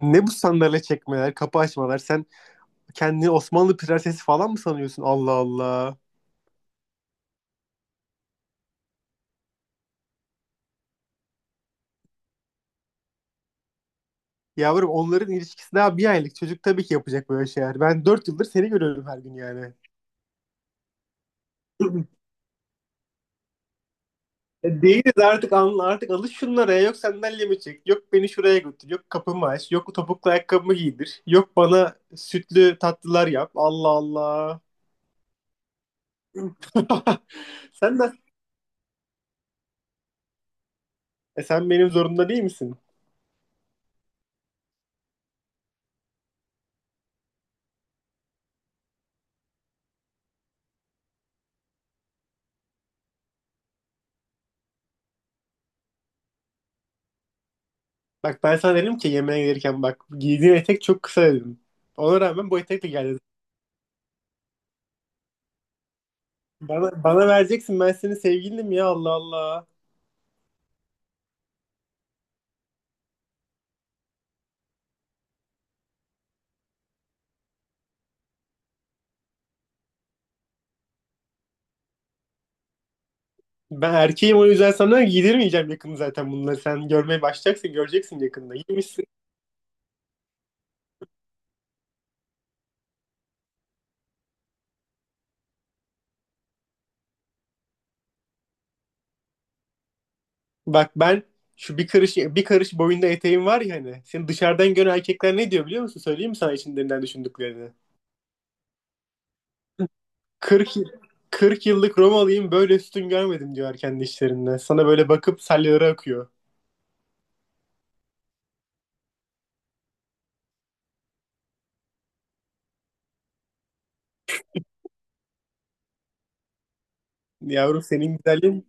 Ne bu sandalye çekmeler, kapı açmalar? Sen kendini Osmanlı prensesi falan mı sanıyorsun? Allah Allah. Yavrum onların ilişkisi daha bir aylık. Çocuk tabii ki yapacak böyle şeyler. Ben 4 yıldır seni görüyorum her gün yani. Değiliz artık anla artık alış şunlara ya. Yok sandalyemi çek, yok beni şuraya götür, yok kapımı aç, yok topuklu ayakkabımı giydir, yok bana sütlü tatlılar yap. Allah Allah. Sen de sen benim zorunda değil misin? Bak ben sana dedim ki yemeğe gelirken bak giydiğin etek çok kısa dedim. Ona rağmen bu etekle geldi. Bana vereceksin, ben senin sevgilinim ya. Allah Allah. Ben erkeğim, o yüzden sana giydirmeyeceğim yakında zaten bunları. Sen görmeye başlayacaksın, göreceksin yakında. Giymişsin. Bak ben şu bir karış bir karış boyunda eteğim var ya hani. Senin dışarıdan gören erkekler ne diyor biliyor musun? Söyleyeyim mi sana içlerinden düşündüklerini? Kırk yıllık Romalıyım böyle üstün görmedim diyor kendi işlerinde. Sana böyle bakıp salyaları akıyor. Yavrum senin güzelliğin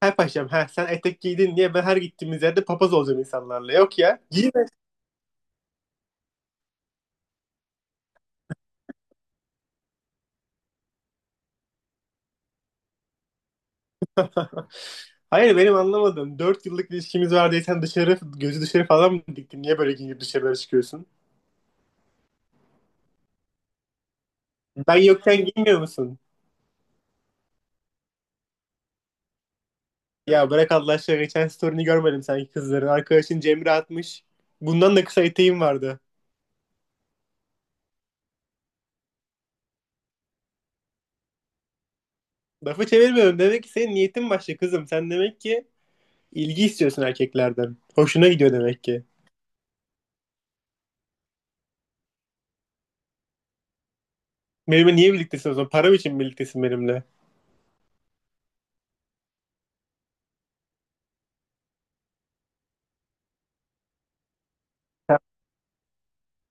her paşam, ha sen etek giydin diye ben her gittiğimiz yerde papaz olacağım insanlarla. Yok ya, giyme. Hayır benim anlamadım. Dört yıllık ilişkimiz var diye sen dışarı, gözü dışarı falan mı diktin? Niye böyle giyinip dışarılara çıkıyorsun? Ben yokken giymiyor musun? Ya bırak Allah aşkına, geçen story'ni görmedim sanki kızların. Arkadaşın Cemre atmış. Bundan da kısa eteğim vardı. Lafı çevirmiyorum. Demek ki senin niyetin başka kızım. Sen demek ki İlgi istiyorsun erkeklerden. Hoşuna gidiyor demek ki. Benimle niye birliktesin o zaman? Param için birliktesin benimle?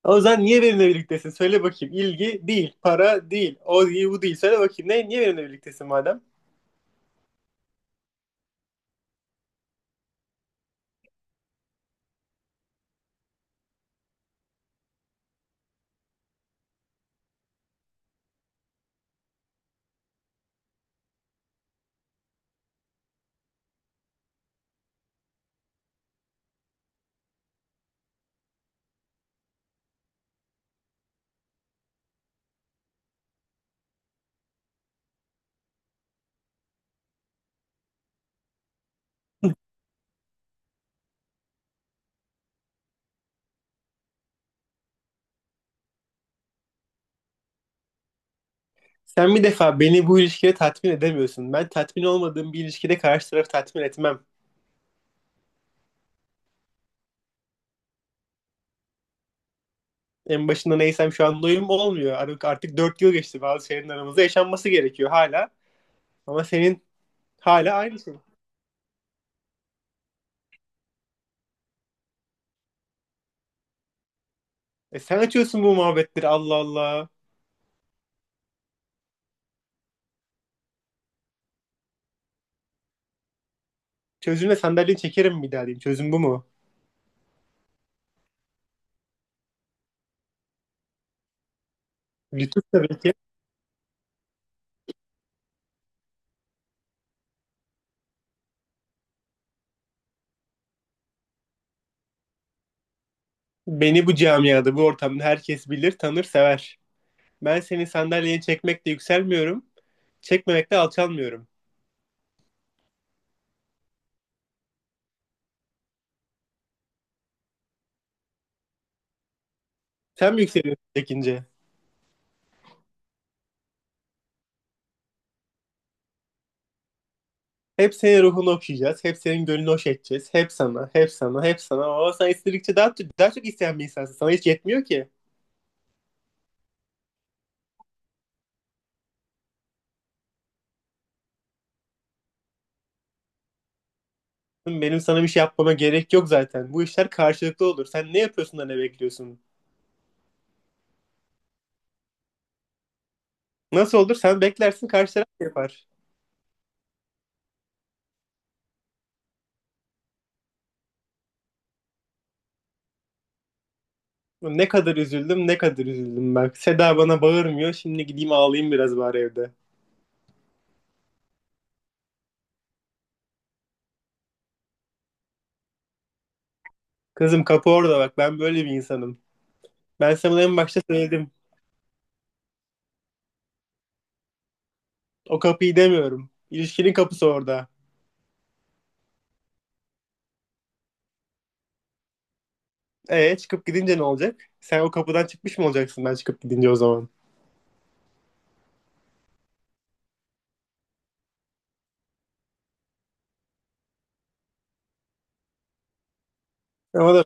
O zaman niye benimle birliktesin? Söyle bakayım. İlgi değil, para değil, o değil, bu değil. Söyle bakayım. Ne, niye benimle birliktesin madem? Sen bir defa beni bu ilişkide tatmin edemiyorsun. Ben tatmin olmadığım bir ilişkide karşı tarafı tatmin etmem. En başında neysem şu an doyum olmuyor. Artık, artık 4 yıl geçti, bazı şeylerin aramızda yaşanması gerekiyor hala. Ama senin hala aynı şey. E sen açıyorsun bu muhabbetleri. Allah Allah. Çözümle sandalyeyi çekerim bir daha diyeyim. Çözüm bu mu? Lütuf tabii ki. Beni bu camiada, bu ortamda herkes bilir, tanır, sever. Ben seni sandalyeye çekmekle yükselmiyorum, çekmemekle alçalmıyorum. Sen mi yükseliyorsun çekince? Hep senin ruhunu okşayacağız, hep senin gönlünü hoş edeceğiz. Hep sana, hep sana, hep sana. Ama sen istedikçe daha, daha çok isteyen bir insansın. Sana hiç yetmiyor ki. Benim sana bir şey yapmama gerek yok zaten. Bu işler karşılıklı olur. Sen ne yapıyorsun da ne bekliyorsun? Nasıl olur? Sen beklersin, karşı taraf yapar. Ne kadar üzüldüm, ne kadar üzüldüm bak. Seda bana bağırmıyor. Şimdi gideyim ağlayayım biraz bari evde. Kızım kapı orada bak. Ben böyle bir insanım. Ben sana en başta söyledim. O kapıyı demiyorum. İlişkinin kapısı orada. E çıkıp gidince ne olacak? Sen o kapıdan çıkmış mı olacaksın ben çıkıp gidince o zaman? Ama da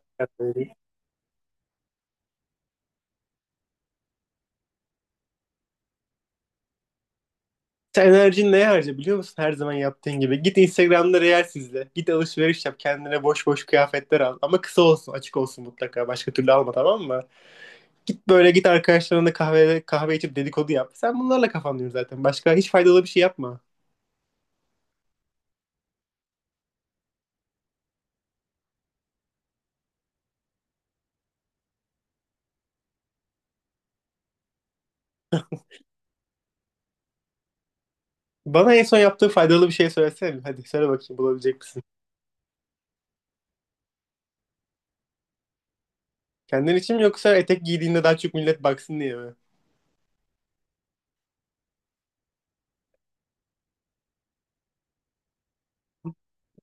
sen enerjini neye harca biliyor musun? Her zaman yaptığın gibi. Git Instagram'da reels izle. Git alışveriş yap. Kendine boş boş kıyafetler al. Ama kısa olsun, açık olsun mutlaka. Başka türlü alma, tamam mı? Git böyle, git arkadaşlarınla kahve kahve içip dedikodu yap. Sen bunlarla kafanlıyorsun zaten. Başka hiç faydalı bir şey yapma. Bana en son yaptığı faydalı bir şey söylesene. Hadi söyle bakayım, bulabilecek misin? Kendin için mi, yoksa etek giydiğinde daha çok millet baksın diye mi?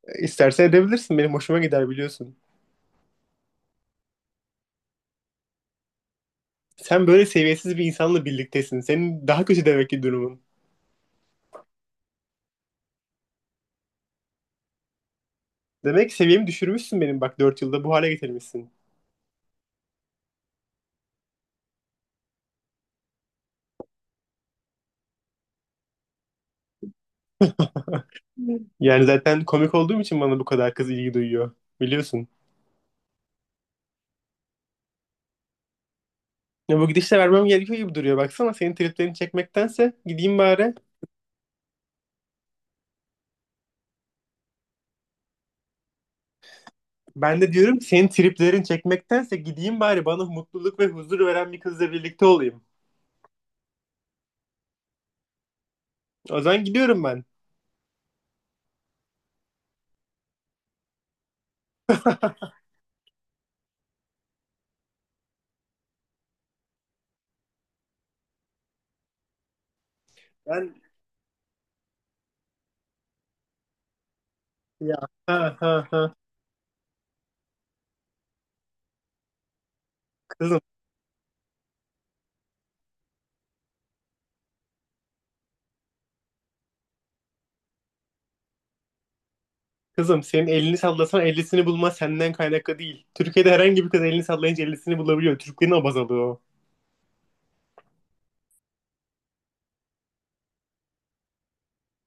E, İstersen edebilirsin. Benim hoşuma gider biliyorsun. Sen böyle seviyesiz bir insanla birliktesin. Senin daha kötü demek ki durumun. Demek ki seviyemi düşürmüşsün benim, bak 4 yılda bu hale getirmişsin. Yani zaten komik olduğum için bana bu kadar kız ilgi duyuyor. Biliyorsun. Ya bu gidişle vermem gerekiyor gibi duruyor. Baksana, senin triplerini çekmektense gideyim bari. Ben de diyorum senin triplerini çekmektense gideyim bari, bana mutluluk ve huzur veren bir kızla birlikte olayım. O zaman gidiyorum ben. Ben, ya, ha ha ha. Kızım, kızım senin elini sallasan ellisini bulma senden kaynaklı değil. Türkiye'de herhangi bir kız elini sallayınca ellisini bulabiliyor. Türklerin abazalığı o.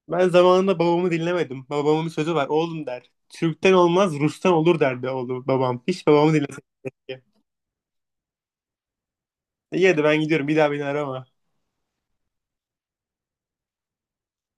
Ben zamanında babamı dinlemedim. Babamın bir sözü var. Oğlum, der. Türk'ten olmaz Rus'tan olur derdi oğlum babam. Hiç babamı dinlemedim. İyi, hadi ben gidiyorum. Bir daha beni arama.